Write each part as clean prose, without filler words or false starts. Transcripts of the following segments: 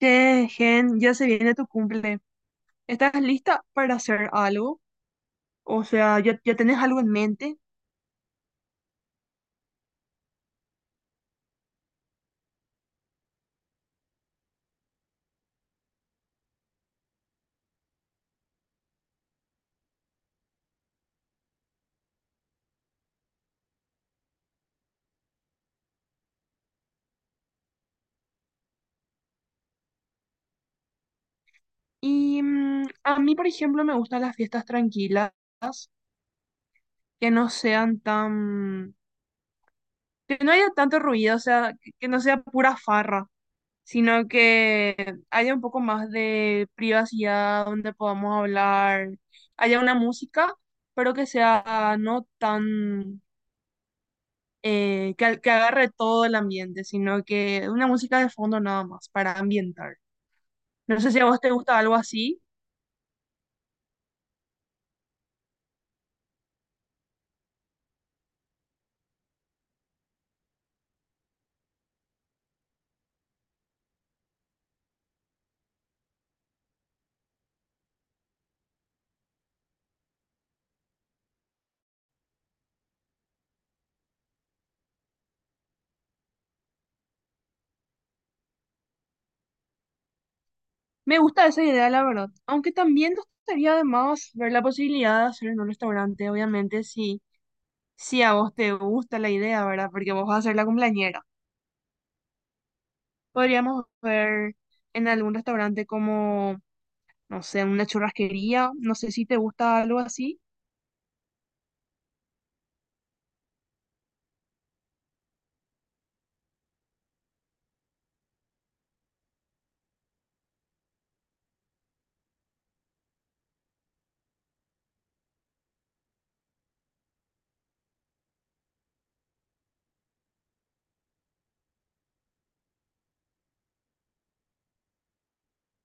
Che, Gen, ya se viene tu cumple. ¿Estás lista para hacer algo? O sea, ¿ya tenés algo en mente? Y a mí, por ejemplo, me gustan las fiestas tranquilas, que no sean tan, que no haya tanto ruido, o sea, que no sea pura farra, sino que haya un poco más de privacidad, donde podamos hablar, haya una música, pero que sea no tan que agarre todo el ambiente, sino que una música de fondo nada más para ambientar. No sé si a vos te gusta algo así. Me gusta esa idea, la verdad. Aunque también nos gustaría además ver la posibilidad de hacer en un restaurante, obviamente, si a vos te gusta la idea, ¿verdad? Porque vos vas a ser la cumpleañera. Podríamos ver en algún restaurante como, no sé, una churrasquería. No sé si te gusta algo así.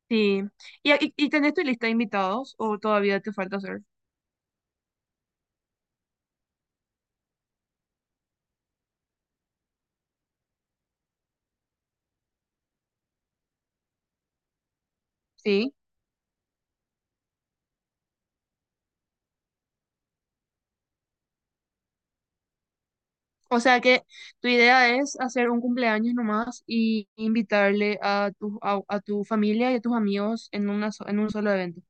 Sí. ¿Y tenés tu lista de invitados o todavía te falta hacer? Sí. O sea que tu idea es hacer un cumpleaños nomás y invitarle a a tu familia y a tus amigos en en un solo evento.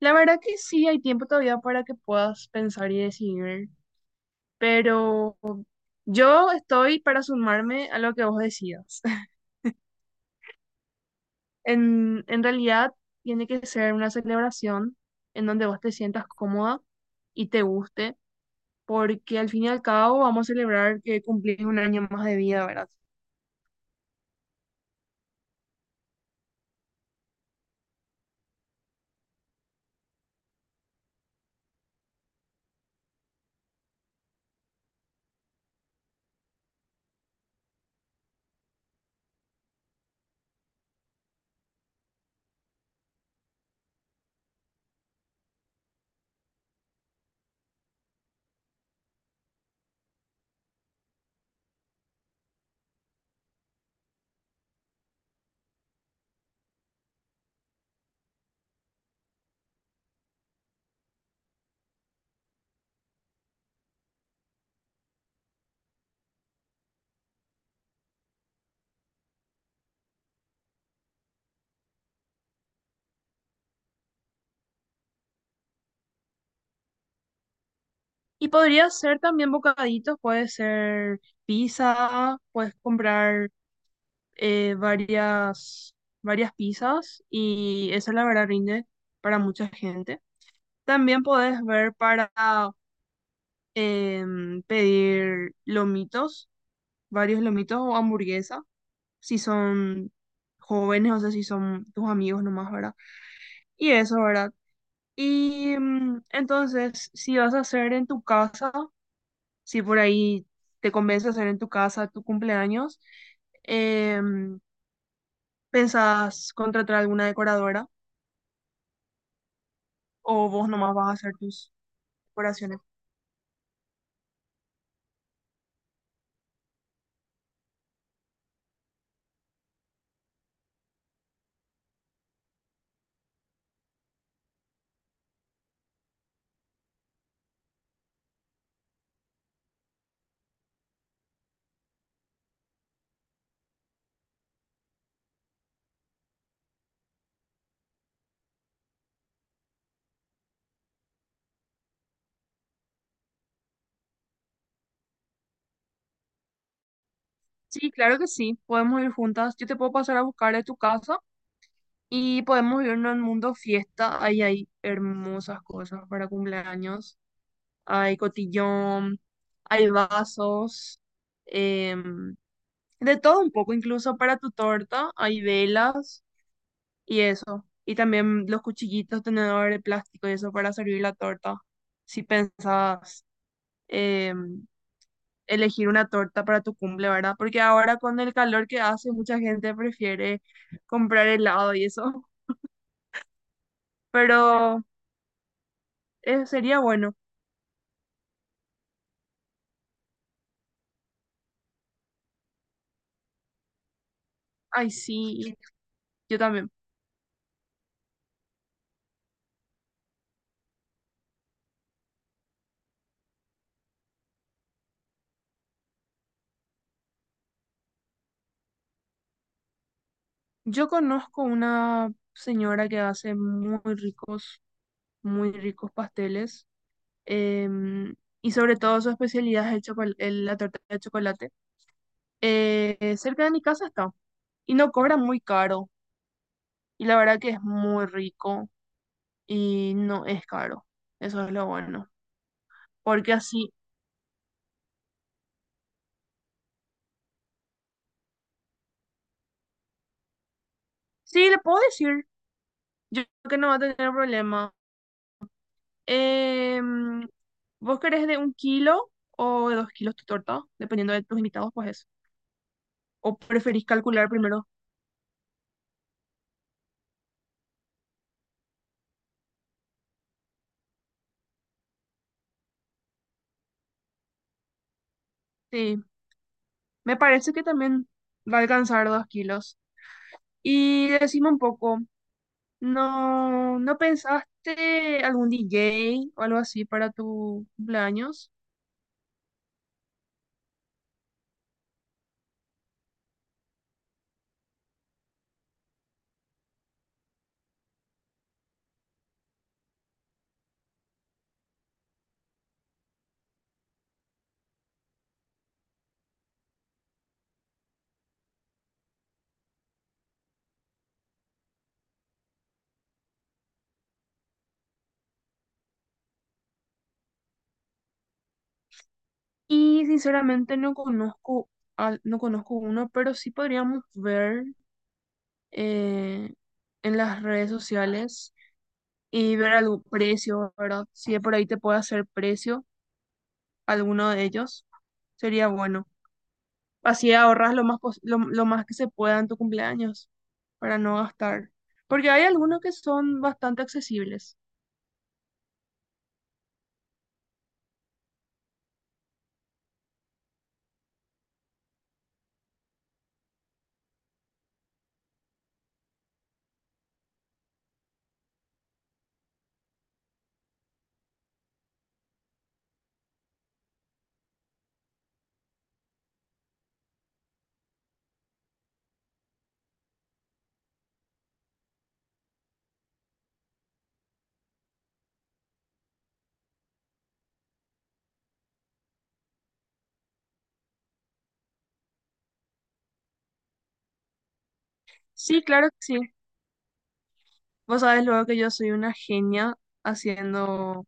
La verdad que sí, hay tiempo todavía para que puedas pensar y decidir, pero yo estoy para sumarme a lo que vos decidas. En realidad, tiene que ser una celebración en donde vos te sientas cómoda y te guste, porque al fin y al cabo vamos a celebrar que cumplís un año más de vida, ¿verdad? Y podría ser también bocaditos, puede ser pizza, puedes comprar eh, varias, varias pizzas y eso la verdad rinde para mucha gente. También podés ver para pedir lomitos, varios lomitos o hamburguesa, si son jóvenes, o sea, si son tus amigos nomás, ¿verdad? Y eso, ¿verdad? Y entonces, si vas a hacer en tu casa, si por ahí te convence hacer en tu casa tu cumpleaños, em, ¿pensás contratar alguna decoradora o vos nomás vas a hacer tus decoraciones? Sí, claro que sí, podemos ir juntas. Yo te puedo pasar a buscar de tu casa y podemos irnos al Mundo Fiesta. Ahí hay hermosas cosas para cumpleaños. Hay cotillón, hay vasos, em, de todo un poco, incluso para tu torta hay velas. Y eso. Y también los cuchillitos, tenedores de plástico y eso para servir la torta. Si pensabas em, elegir una torta para tu cumple, ¿verdad? Porque ahora con el calor que hace, mucha gente prefiere comprar helado y eso. Pero sería bueno. Ay, sí, yo también. Yo conozco una señora que hace muy ricos pasteles. em, y sobre todo su especialidad es el la torta de chocolate. Cerca de mi casa está. Y no cobra muy caro. Y la verdad que es muy rico y no es caro. Eso es lo bueno. Porque así, sí, le puedo decir. Yo creo que no va a tener problema. Em, ¿vos querés de un kilo o de dos kilos tu torta? Dependiendo de tus invitados, pues es. ¿O preferís calcular primero? Sí, me parece que también va a alcanzar dos kilos. Y decime un poco. ¿No no pensaste algún DJ o algo así para tu cumpleaños? Y sinceramente no conozco, no conozco uno, pero sí podríamos ver eh, en las redes sociales y ver algún precio, ¿verdad? Si de por ahí te puede hacer precio alguno de ellos, sería bueno. Así ahorras lo más, lo más que se pueda en tu cumpleaños para no gastar. Porque hay algunos que son bastante accesibles. Sí, claro que sí. Vos sabés luego que yo soy una genia haciendo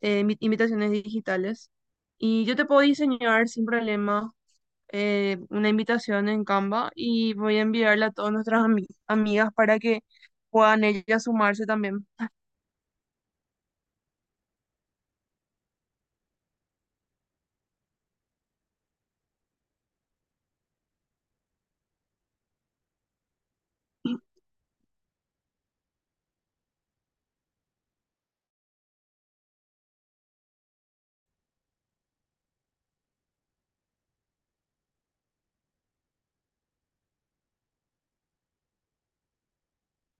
invitaciones digitales y yo te puedo diseñar sin problema una invitación en Canva y voy a enviarla a todas nuestras amigas para que puedan ellas sumarse también.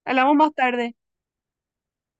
Hablamos más tarde.